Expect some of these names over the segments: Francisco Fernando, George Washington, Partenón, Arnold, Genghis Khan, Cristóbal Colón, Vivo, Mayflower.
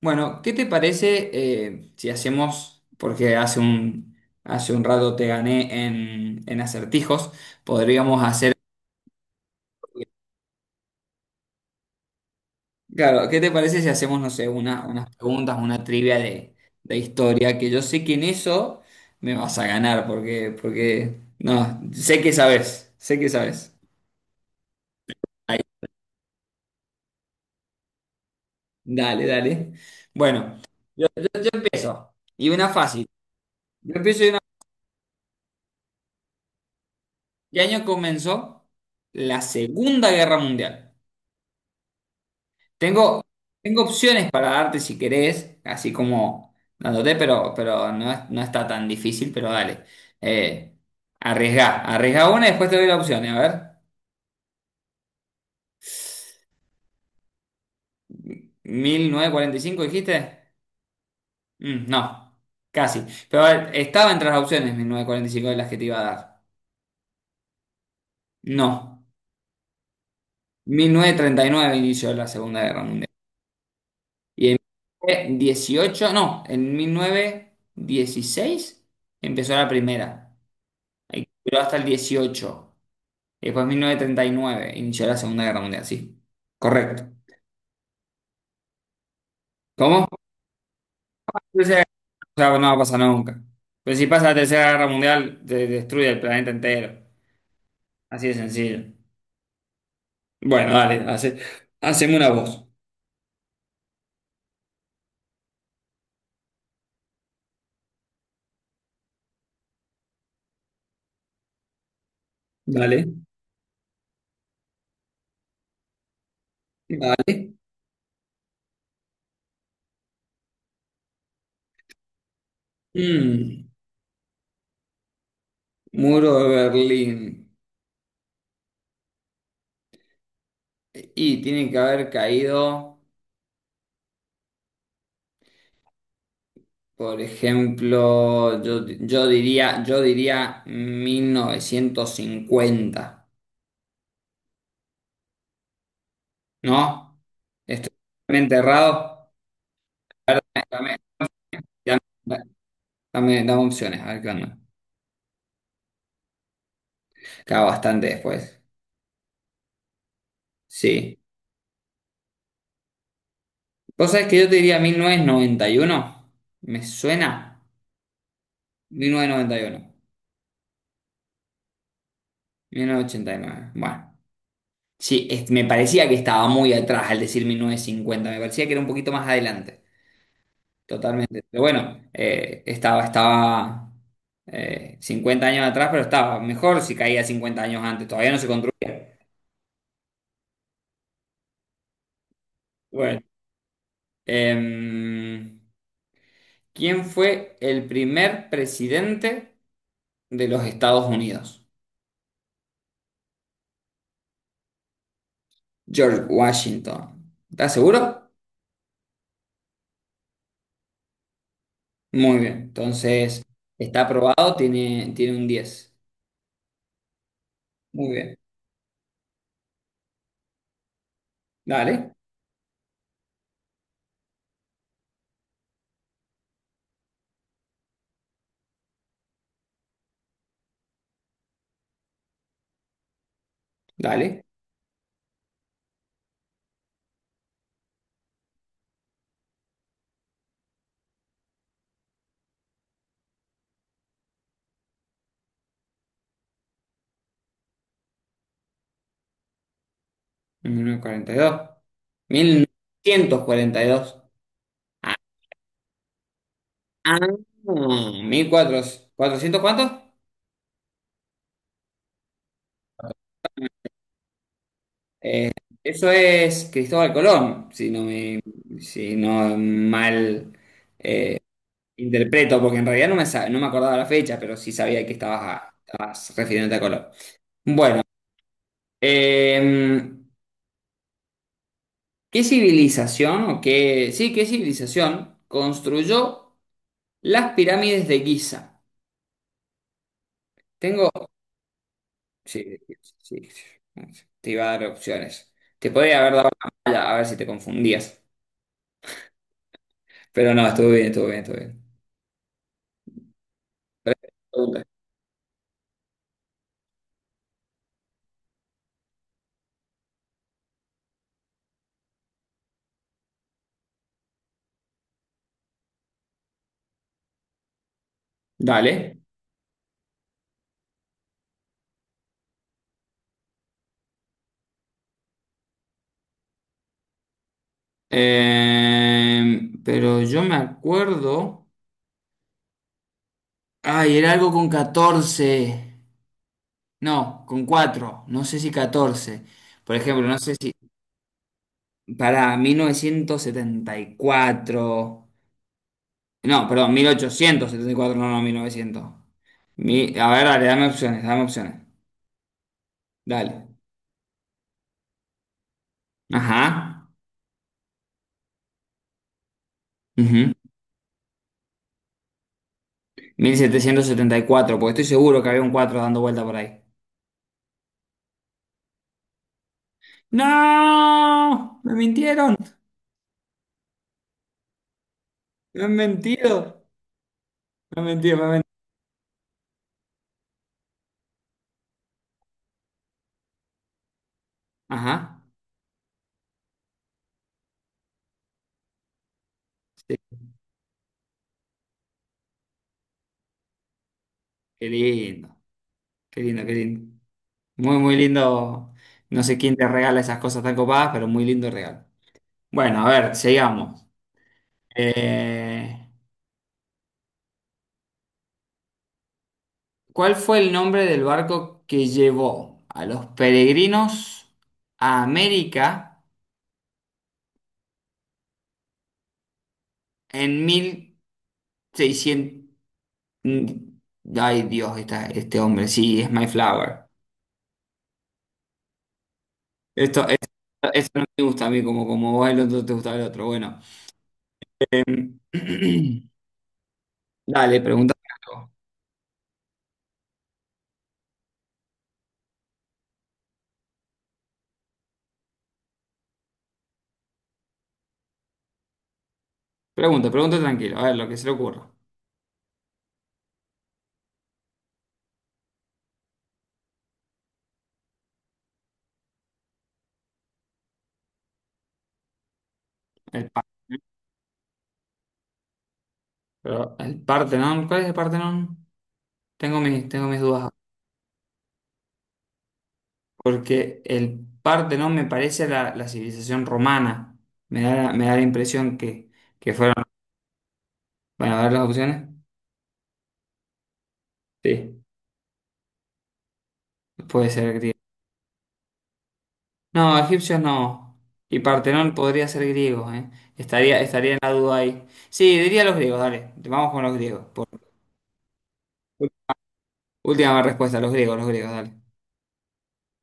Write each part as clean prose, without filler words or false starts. Bueno, ¿qué te parece si hacemos, porque hace un rato te gané en acertijos, podríamos hacer, claro, ¿qué te parece si hacemos, no sé, unas preguntas, una trivia de historia, que yo sé que en eso me vas a ganar, porque, no, sé que sabes, sé que sabes. Ahí, dale. Bueno, yo empiezo, y una fácil. Yo empiezo y una... ¿Qué año comenzó la Segunda Guerra Mundial? Tengo, tengo opciones para darte si querés, así como dándote, pero no, es- no está tan difícil, pero dale. Eh, arriesgá una y después te doy las opciones. A ver, 1945 dijiste. No, casi. Pero a ver, estaba entre las opciones 1945 de las que te iba a dar. No, 1939 inició la Segunda Guerra Mundial. Y en 18, no, en mil novecientos dieciséis empezó la primera. Y duró hasta el dieciocho. Y después 1939 inició la Segunda Guerra Mundial, sí. Correcto. ¿Cómo? Tercera- o sea, no va a pasar nunca. Pero si pasa la Tercera Guerra Mundial, te destruye el planeta entero. Así de sencillo. Bueno, dale, hace, haceme una voz. Dale, dale. Mm, muro de Berlín. Y tiene que haber caído, por ejemplo, yo diría 1950, ¿no? Estoy totalmente errado. Claro, Dame, dame, dame, dame, dame opciones, a ver qué onda. Queda bastante después. Sí. ¿Vos sabés que yo te diría mil novecientos noventa y uno? ¿Me suena? Mil novecientos noventa y uno. Mil novecientos ochenta y nueve. Bueno. Sí, es- me parecía que estaba muy atrás al decir mil novecientos cincuenta. Me parecía que era un poquito más adelante. Totalmente. Pero bueno, estaba 50 años atrás, pero estaba mejor si caía 50 años antes. Todavía no se construía. Bueno. Em, ¿quién fue el primer presidente de los Estados Unidos? George Washington. ¿Estás seguro? Muy bien. Entonces, está aprobado, tiene un 10. Muy bien. Dale, dale. Mil novecientos cuarenta y dos. Mil novecientos cuarenta y dos. 1942. 1942. Ah, ah, 1400. ¿400 cuántos? Eh, eso es Cristóbal Colón, si no me, si no mal interpreto, porque en realidad no me, sa- no me acordaba la fecha, pero sí sabía que estabas, a- estabas refiriéndote a Colón. Bueno, eh, ¿qué civilización o qué, sí, qué civilización construyó las pirámides de Giza? Tengo, sí, sí, sí, te iba a dar opciones. Te podría haber dado a ver si te confundías, pero no, estuvo bien, estuvo bien, estuvo bien. Dale. Pero yo me acuerdo. Ay, era algo con 14. No, con cuatro, no sé si 14. Por ejemplo, no sé si para 1974. No, perdón, 1874. No, no, 1900. Mi- a ver, dale, dame opciones, dame opciones. Dale. Ajá. Ujú. Mil setecientos setenta y cuatro, porque estoy seguro que había un 4 dando vuelta por ahí. ¡No! Me mintieron. Me han mentido. Me han mentido, me han mentido. Ajá. Sí. Qué lindo, qué lindo, qué lindo. Muy, muy lindo. No sé quién te regala esas cosas tan copadas, pero muy lindo regalo. Bueno, a ver, sigamos. Eh, ¿Cuál fue el nombre del barco que llevó a los peregrinos a América en 1600? Mm, Ay, Dios, esta- este hombre, sí, es Mayflower. Esto, esto no me gusta a mí, como, como vos el otro te gusta el otro. Bueno, dale, pregunta. Pregunta, pregunta tranquilo, a ver lo que se le ocurra. El, Par- pero el Partenón, ¿cuál es el Partenón? Tengo mis dudas, porque el Partenón me parece la, la civilización romana. Me da la impresión que fueron... Bueno, a ver las opciones. Sí, puede ser griego. No, egipcios no. Y Partenón podría ser griego, ¿eh? Estaría en la duda ahí. Sí, diría los griegos, dale. Vamos con los griegos. Por- última respuesta, los griegos, dale.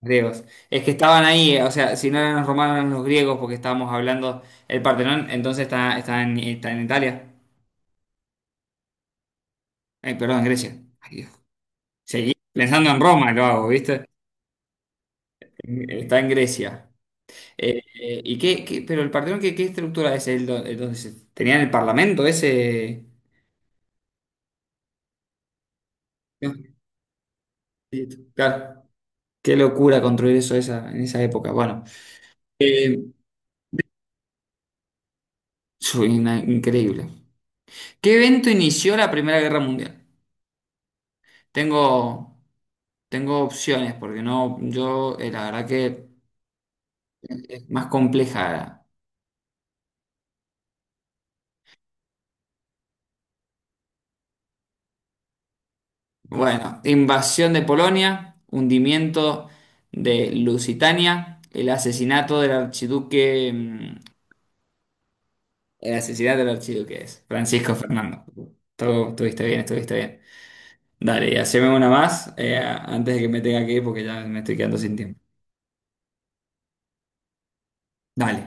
Griegos. Es que estaban ahí, o sea, si no eran los romanos, eran los griegos, porque estábamos hablando. El Partenón, entonces está en, está en Italia. Ay, perdón, en Grecia. Ay, Dios. Seguí pensando en Roma, lo hago, ¿viste? Está en Grecia. ¿Y qué, qué- pero el Partenón, ¿qué, qué estructura es? El, do- el donde se- ¿tenían el parlamento ese? No, claro. Qué locura construir eso esa, en esa época. Bueno, eh, soy una- increíble. ¿Qué evento inició la Primera Guerra Mundial? Tengo. Tengo opciones porque no, yo la verdad que es más compleja. Bueno, invasión de Polonia, hundimiento de Lusitania, el asesinato del archiduque, el asesinato del archiduque es Francisco Fernando. Todo estuviste bien, estuviste bien. Dale, y haceme una más, antes de que me tenga que ir porque ya me estoy quedando sin tiempo. Dale,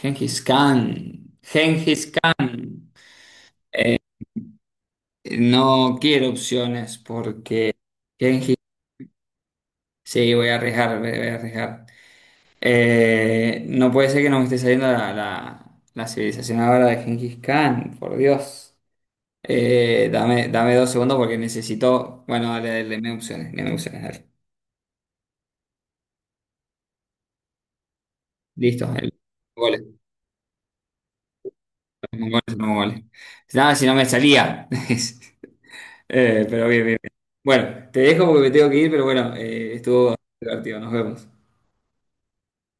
Genghis Khan, Genghis Khan. No quiero opciones porque Genghis. Sí, voy a arriesgar, voy a arriesgar. No puede ser que no me esté saliendo la civilización ahora de Genghis Khan, por Dios. Dame dos segundos porque necesito. Bueno, dale, dame opciones, dale. Listo, el goles, los mongoles, los mongoles. Nada, si no me salía. Pero bien, bien, bien. Bueno, te dejo porque me tengo que ir, pero bueno, estuvo divertido, nos vemos.